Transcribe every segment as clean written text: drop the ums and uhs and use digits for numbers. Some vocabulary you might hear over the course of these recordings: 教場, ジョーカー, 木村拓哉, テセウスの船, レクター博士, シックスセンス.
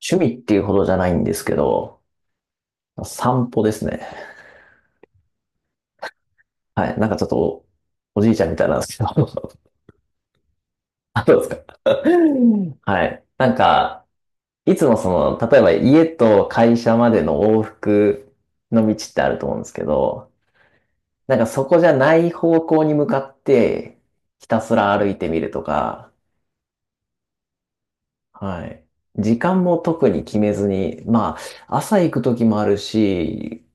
趣味っていうほどじゃないんですけど、散歩ですね。はい。なんかちょっとお、おじいちゃんみたいなんですけど、あ、どうですか。はい。いつも例えば家と会社までの往復の道ってあると思うんですけど、なんかそこじゃない方向に向かって、ひたすら歩いてみるとか、はい。時間も特に決めずに、まあ、朝行く時もあるし、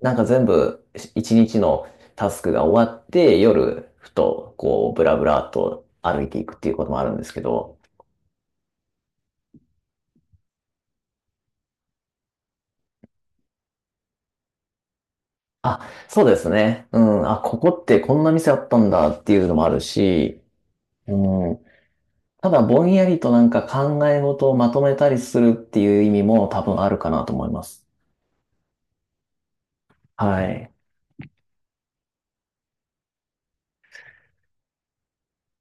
なんか全部一日のタスクが終わって夜ふとこうブラブラっと歩いていくっていうこともあるんですけど、あ、そうですね。うん、あ、ここってこんな店あったんだっていうのもあるし、うん、ただぼんやりとなんか考え事をまとめたりするっていう意味も多分あるかなと思います。はい。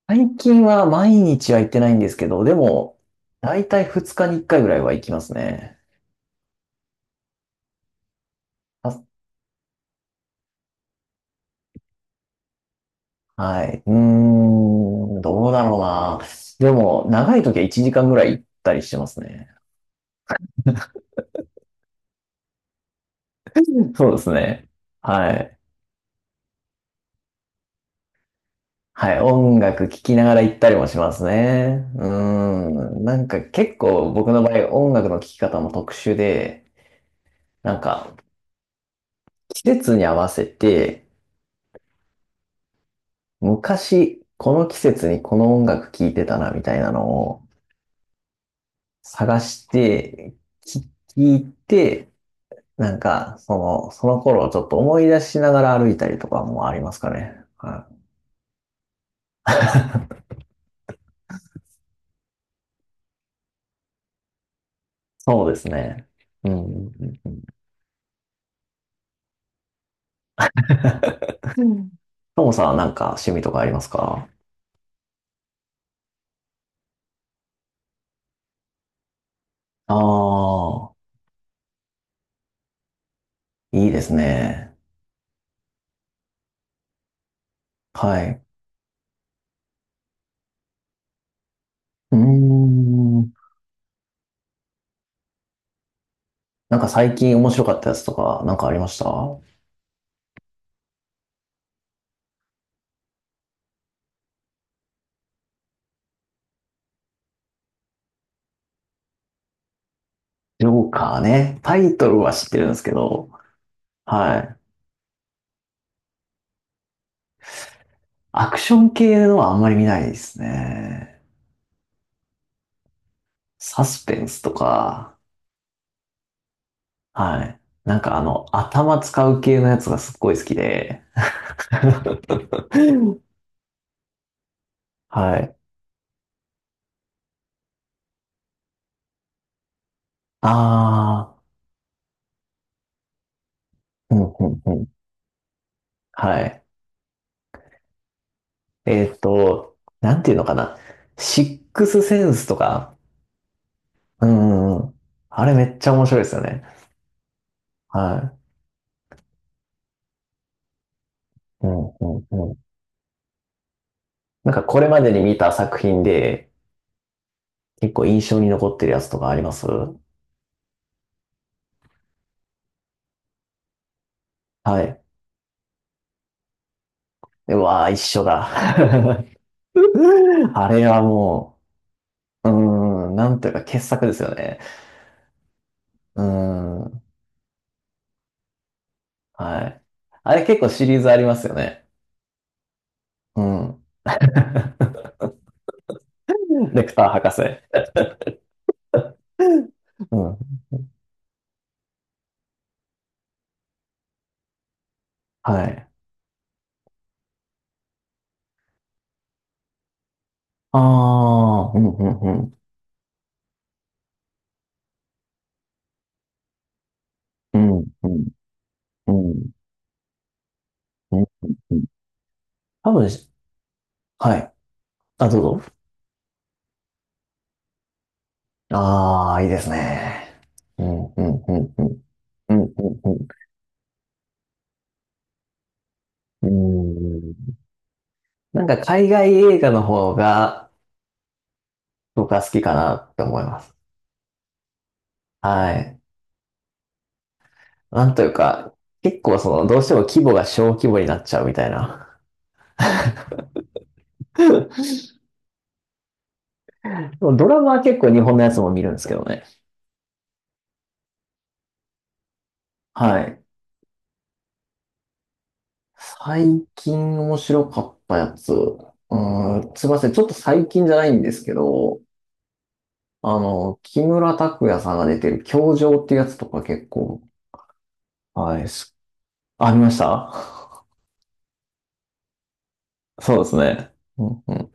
最近は毎日は行ってないんですけど、でも、だいたい2日に1回ぐらいは行きますね。はい。どうだろうな。でも、長い時は1時間ぐらい行ったりしてますね。うん。そうですね。はい。はい。音楽聴きながら行ったりもしますね。うーん。なんか結構僕の場合、音楽の聴き方も特殊で、なんか季節に合わせて、昔、この季節にこの音楽聴いてたな、みたいなのを探して、聴いて、その頃をちょっと思い出しながら歩いたりとかもありますかね。はい。そうですね。うん。うんうんうん。ともさんはなんか趣味とかありますか？ああー、いいですね。はい。うーん。なんか最近面白かったやつとか、なんかありました？ジョーカーね。タイトルは知ってるんですけど、はい。アクション系のはあんまり見ないですね。サスペンスとか、はい。頭使う系のやつがすっごい好きで。はい。ああ、うんうんうん。はい。なんていうのかな。シックスセンスとか。うんうんうん。あれめっちゃ面白いですよね。はい。うんうんうん。なんかこれまでに見た作品で結構印象に残ってるやつとかあります？はい。うわー、一緒だ。あれはもう、うーん、なんというか傑作ですよね。うーん。はい。あれ結構シリーズありますよね。うん。レクター博士。うん。はい。ああ、うん、うん、うん。うん、うん、うん。うんうんうん。多分し、はい。あ、どうぞ。ああ、いいですね。うん、うん、うん、うん。うん、うん、うん。うん。なんか海外映画の方が僕は好きかなって思います。はい。なんというか、結構その、どうしても規模が小規模になっちゃうみたいな。ドラマは結構日本のやつも見るんですけどね。はい。最近面白かったやつ。うーん、すいません。ちょっと最近じゃないんですけど、あの、木村拓哉さんが出てる教場っていうやつとか結構、はい。す、あ、見ました？ そうですね。うんうん。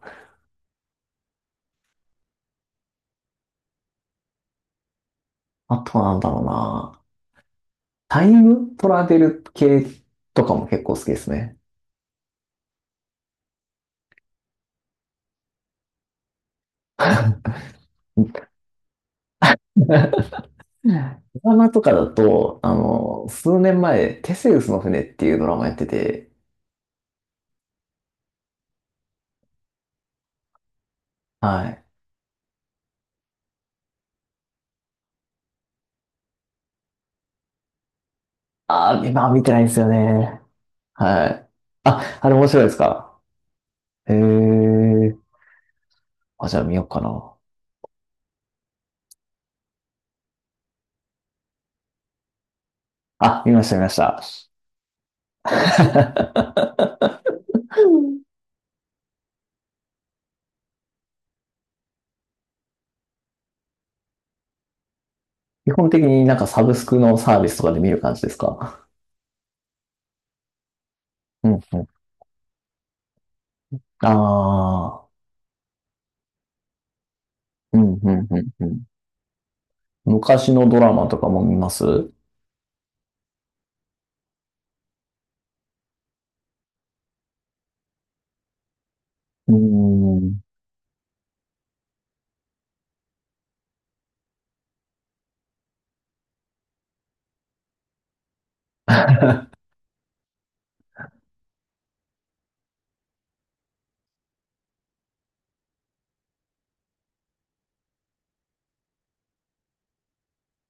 あとはなんだろうな。タイムトラベル系とかも結構好きですね。ドラマとかだと、あの、数年前、テセウスの船っていうドラマやってて、はい。ああ、今は見てないんですよね。はい。あ、あれ面白いですか？へえ。あ、じゃあ見ようかな。あ、見ました、見ました。基本的になんかサブスクのサービスとかで見る感じですか？うん、うん。ああ、うん、うん、うん、うん。昔のドラマとかも見ます？うーん。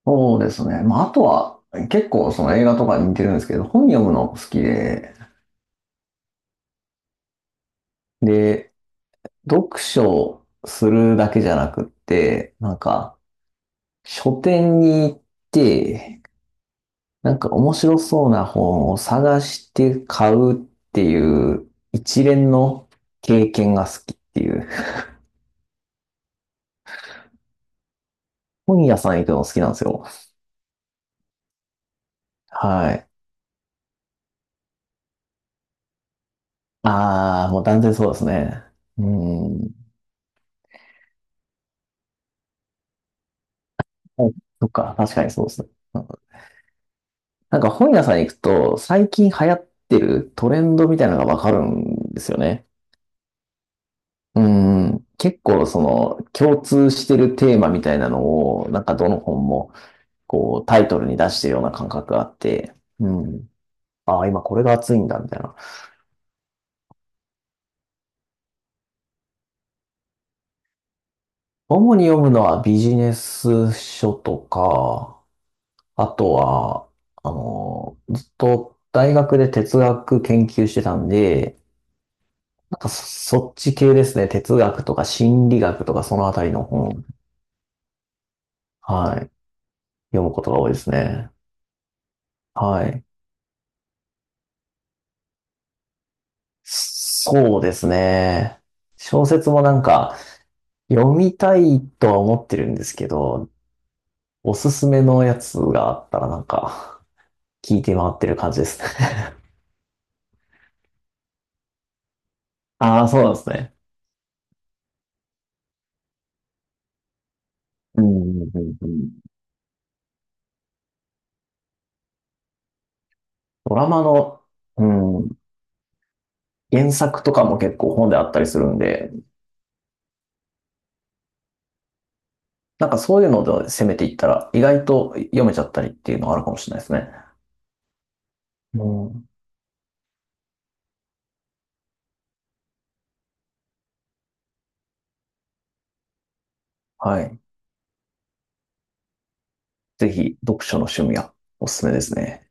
そうですね。まあ、あとは、結構その映画とかに似てるんですけど、本読むの好きで、で、読書するだけじゃなくって、書店に行って、なんか面白そうな本を探して買うっていう一連の経験が好きっていう。本屋さん行くの好きなんですよ。はい。ああ、もう断然そうですね。うん。あ、そっか、確かにそうですね。うん。なんか本屋さん行くと最近流行ってるトレンドみたいなのがわかるんですよね。うん、結構その共通してるテーマみたいなのを、なんかどの本もこうタイトルに出してるような感覚があって、うん。ああ、今これが熱いんだみたいな。主に読むのはビジネス書とか、あとは、あの、ずっと大学で哲学研究してたんで、なんかそ、そっち系ですね。哲学とか心理学とかそのあたりの本、はい、読むことが多いですね。はい。そうですね。小説もなんか読みたいとは思ってるんですけど、おすすめのやつがあったらなんか聞いて回ってる感じですね。ああ、そうなんですね。うんうんうんうん。ドラマの、うん、原作とかも結構本であったりするんで、なんかそういうので攻めていったら意外と読めちゃったりっていうのがあるかもしれないですね。うん。はい。ぜひ読書の趣味はおすすめですね。